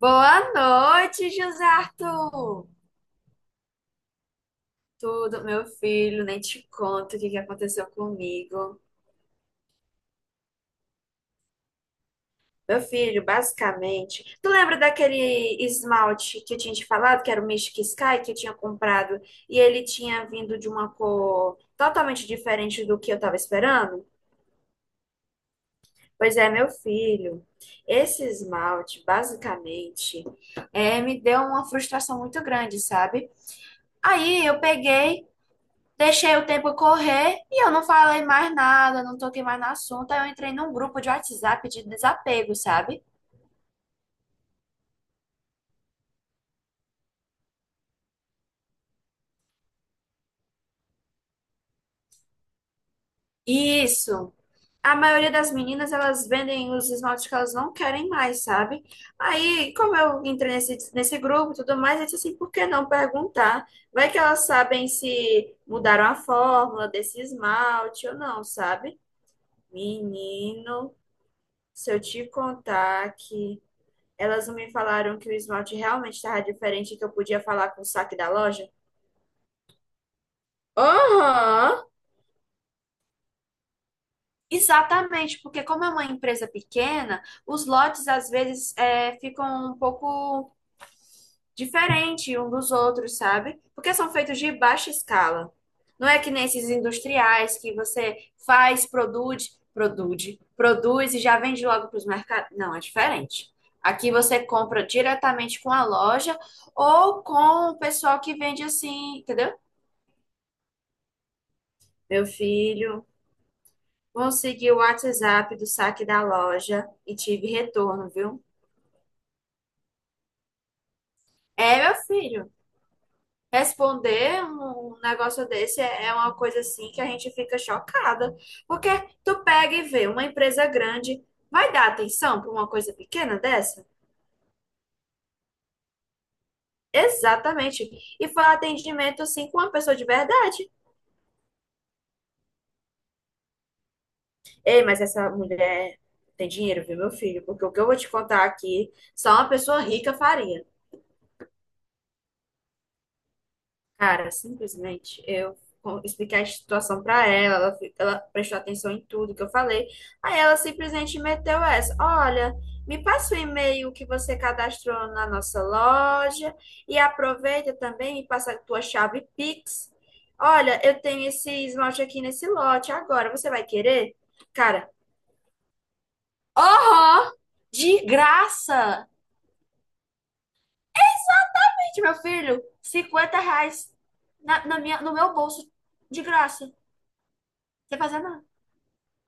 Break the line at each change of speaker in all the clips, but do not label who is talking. Boa noite, José Arthur! Tudo, meu filho, nem te conto o que aconteceu comigo. Meu filho, basicamente, tu lembra daquele esmalte que eu tinha te falado, que era o Mystic Sky, que eu tinha comprado, e ele tinha vindo de uma cor totalmente diferente do que eu tava esperando? Pois é, meu filho, esse esmalte, basicamente, me deu uma frustração muito grande, sabe? Aí eu peguei. Deixei o tempo correr e eu não falei mais nada, não toquei mais no assunto. Aí eu entrei num grupo de WhatsApp de desapego, sabe? Isso. A maioria das meninas, elas vendem os esmaltes que elas não querem mais, sabe? Aí, como eu entrei nesse grupo e tudo mais, eu disse assim, por que não perguntar? Vai que elas sabem se mudaram a fórmula desse esmalte ou não, sabe? Menino, se eu te contar que... Elas me falaram que o esmalte realmente estava diferente e que eu podia falar com o saque da loja. Aham. Exatamente, porque como é uma empresa pequena, os lotes às vezes ficam um pouco diferente um dos outros, sabe? Porque são feitos de baixa escala. Não é que nem esses industriais que você faz, produz e já vende logo para os mercados. Não, é diferente. Aqui você compra diretamente com a loja ou com o pessoal que vende assim, entendeu? Meu filho, consegui o WhatsApp do saque da loja e tive retorno, viu? É, meu filho. Responder um negócio desse é uma coisa assim que a gente fica chocada, porque tu pega e vê uma empresa grande, vai dar atenção para uma coisa pequena dessa? Exatamente. E foi um atendimento assim com uma pessoa de verdade. Ei, mas essa mulher tem dinheiro, viu, meu filho? Porque o que eu vou te contar aqui, só uma pessoa rica faria. Cara, simplesmente eu expliquei a situação pra ela, ela, ela prestou atenção em tudo que eu falei. Aí ela simplesmente meteu essa: Olha, me passa o e-mail que você cadastrou na nossa loja e aproveita também e passa a tua chave Pix. Olha, eu tenho esse esmalte aqui nesse lote agora, você vai querer? Cara, oh, de graça! Gente, meu filho, 50 reais no meu bolso, de graça, sem fazer nada.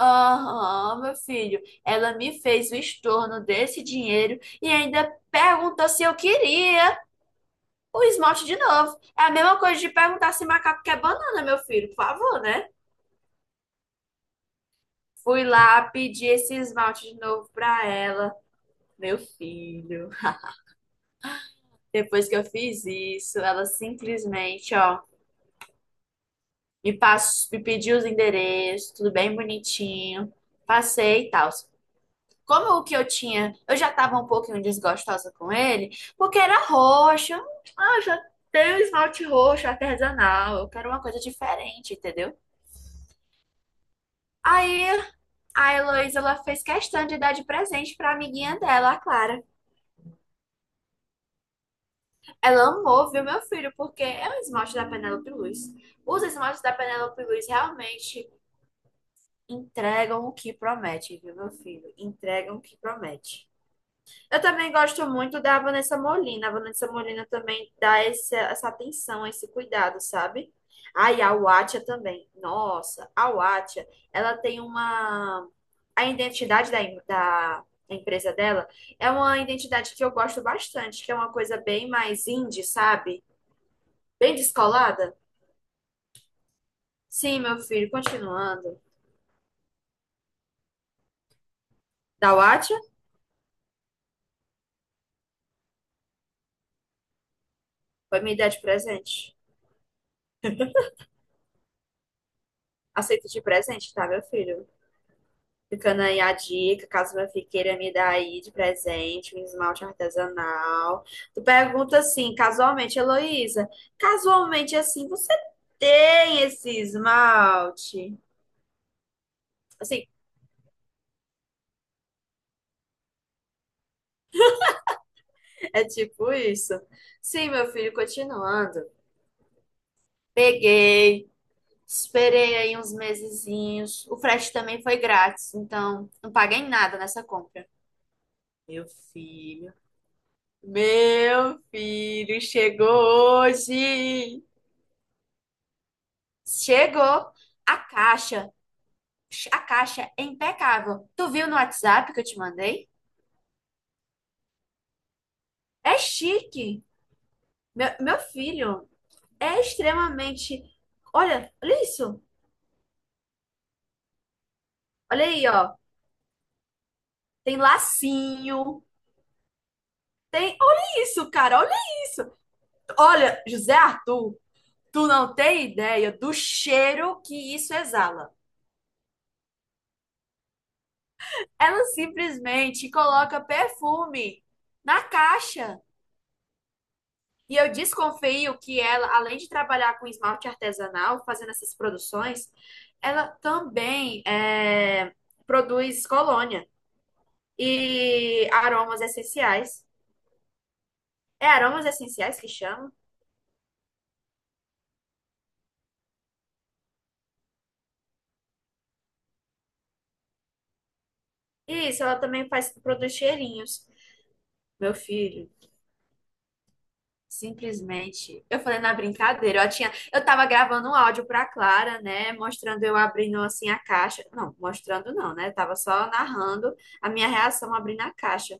Aham, meu filho. Ela me fez o estorno desse dinheiro e ainda perguntou se eu queria o esmalte de novo. É a mesma coisa de perguntar se macaco quer banana, meu filho, por favor, né? Fui lá pedir esse esmalte de novo pra ela, meu filho. Depois que eu fiz isso, ela simplesmente, ó, me pediu os endereços, tudo bem bonitinho. Passei e tal. Como o que eu tinha, eu já estava um pouquinho desgostosa com ele, porque era roxo. Ah, eu já tenho esmalte roxo artesanal, eu quero uma coisa diferente, entendeu? Aí a Heloísa, ela fez questão de dar de presente pra amiguinha dela, a Clara. Ela amou, viu, meu filho, porque é um esmalte da Penélope Luiz. Os esmaltes da Penélope Luiz realmente entregam o que promete, viu, meu filho? Entregam o que promete. Eu também gosto muito da Vanessa Molina. A Vanessa Molina também dá essa atenção, esse cuidado, sabe? Ah, e a Watia também. Nossa, a Watia, ela tem uma... A identidade da empresa dela é uma identidade que eu gosto bastante, que é uma coisa bem mais indie, sabe? Bem descolada. Sim, meu filho, continuando. Da Watia, vai me dar de presente. Aceito de presente, tá, meu filho? Ficando aí a dica, caso minha filha queira me dar aí de presente, um esmalte artesanal. Tu pergunta assim, casualmente, Heloísa, casualmente assim, você tem esse esmalte? Assim, é tipo isso. Sim, meu filho, continuando. Peguei, esperei aí uns mesezinhos. O frete também foi grátis, então não paguei nada nessa compra. Meu filho, meu filho, chegou hoje. Chegou a caixa. A caixa é impecável. Tu viu no WhatsApp que eu te mandei? É chique. Meu filho é extremamente. Olha, olha isso. Olha aí, ó. Tem lacinho. Tem. Olha isso, cara. Olha isso. Olha, José Arthur, tu não tem ideia do cheiro que isso exala. Ela simplesmente coloca perfume na caixa. E eu desconfio que ela, além de trabalhar com esmalte artesanal, fazendo essas produções, ela também produz colônia e aromas essenciais. É aromas essenciais que chama? Isso, ela também faz, produz cheirinhos. Meu filho, simplesmente. Eu falei na brincadeira, eu tava gravando um áudio pra Clara, né? Mostrando eu abrindo assim a caixa. Não, mostrando não, né? Eu tava só narrando a minha reação abrindo a caixa.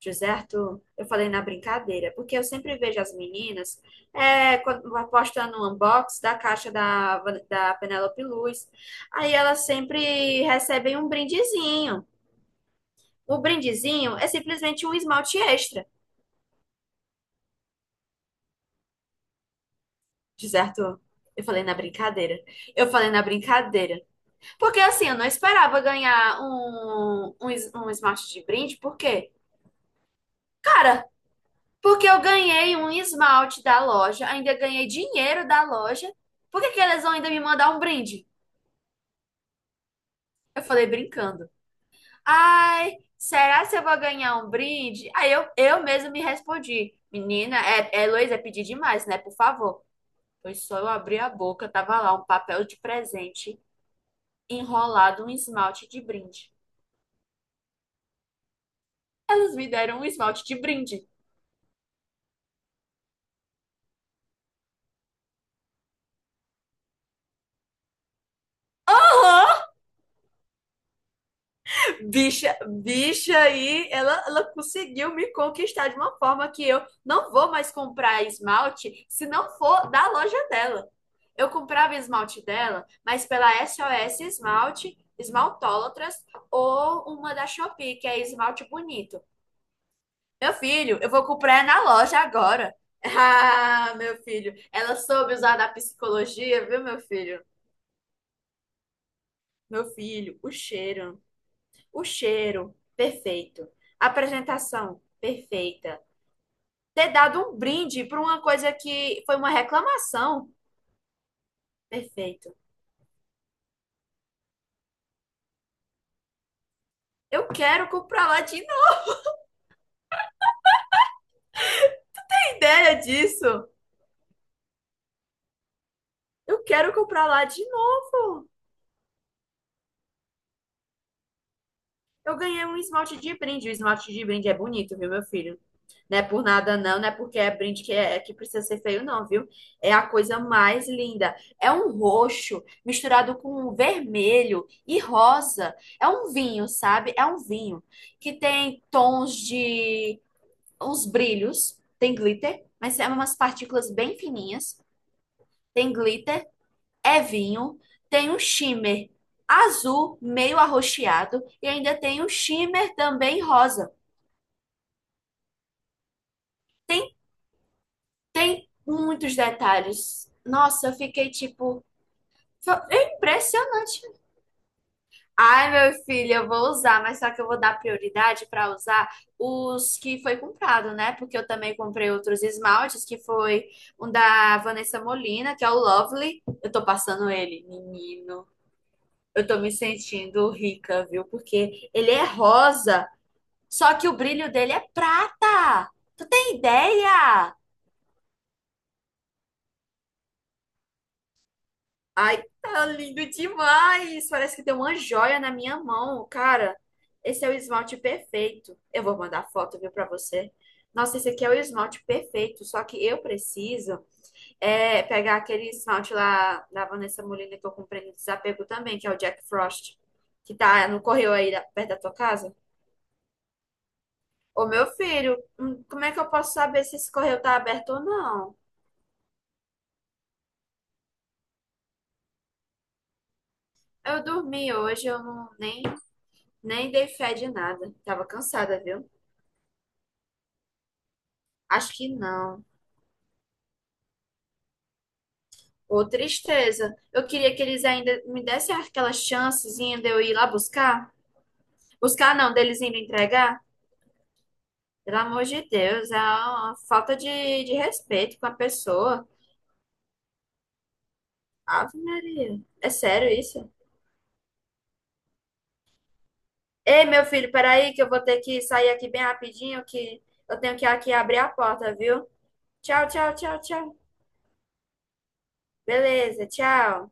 José, eu falei na brincadeira, porque eu sempre vejo as meninas é, quando- postando um unbox da caixa da Penélope Luz. Aí elas sempre recebem um brindezinho. O brindezinho é simplesmente um esmalte extra. José, eu falei na brincadeira. Eu falei na brincadeira. Porque assim, eu não esperava ganhar um esmalte de brinde, porque, cara, porque eu ganhei um esmalte da loja, ainda ganhei dinheiro da loja. Por que que eles vão ainda me mandar um brinde? Eu falei brincando. Ai, será se eu vou ganhar um brinde? Aí eu mesma me respondi. Menina, é Heloísa, é pedir demais, né? Por favor. Foi só eu abrir a boca, tava lá um papel de presente enrolado um esmalte de brinde. Elas me deram um esmalte de brinde. Bicha aí, ela conseguiu me conquistar de uma forma que eu não vou mais comprar esmalte se não for da loja dela. Eu comprava esmalte dela, mas pela SOS Esmalte, Esmaltólatras ou uma da Shopee, que é esmalte bonito. Meu filho, eu vou comprar na loja agora. Ah, meu filho, ela soube usar da psicologia, viu, meu filho? Meu filho, o cheiro. O cheiro, perfeito. A apresentação, perfeita. Ter dado um brinde para uma coisa que foi uma reclamação, perfeito. Eu quero comprar lá de novo, ideia disso. Eu quero comprar lá de novo. Eu ganhei um esmalte de brinde. O esmalte de brinde é bonito, viu, meu filho? Não é por nada, não, não é porque é brinde que que precisa ser feio, não, viu? É a coisa mais linda. É um roxo misturado com um vermelho e rosa. É um vinho, sabe? É um vinho que tem tons de uns brilhos, tem glitter, mas é umas partículas bem fininhas. Tem glitter, é vinho, tem um shimmer azul, meio arroxeado, e ainda tem um shimmer também rosa. Tem Tem muitos detalhes. Nossa, eu fiquei tipo. É impressionante. Ai, meu filho, eu vou usar, mas só que eu vou dar prioridade para usar os que foi comprado, né? Porque eu também comprei outros esmaltes, que foi um da Vanessa Molina, que é o Lovely. Eu tô passando ele, menino. Eu tô me sentindo rica, viu? Porque ele é rosa, só que o brilho dele é prata. Tu tem ideia? Ai, tá lindo demais! Parece que tem uma joia na minha mão, cara. Esse é o esmalte perfeito. Eu vou mandar foto, viu, pra você. Nossa, esse aqui é o esmalte perfeito, só que eu preciso é pegar aquele esmalte lá da Vanessa Molina que eu comprei no Desapego também, que é o Jack Frost, que tá no correio aí perto da tua casa. Ô, meu filho, como é que eu posso saber se esse correio tá aberto ou não? Eu dormi hoje, eu não, nem, nem dei fé de nada. Tava cansada, viu? Acho que não. Ô, tristeza. Eu queria que eles ainda me dessem aquela chancezinha de eu ir lá buscar. Buscar não, deles indo entregar. Pelo amor de Deus, é uma falta de respeito com a pessoa. Ave Maria. É sério isso? Ei, meu filho, peraí que eu vou ter que sair aqui bem rapidinho, que eu tenho que aqui abrir a porta, viu? Tchau, tchau, tchau, tchau. Beleza, tchau.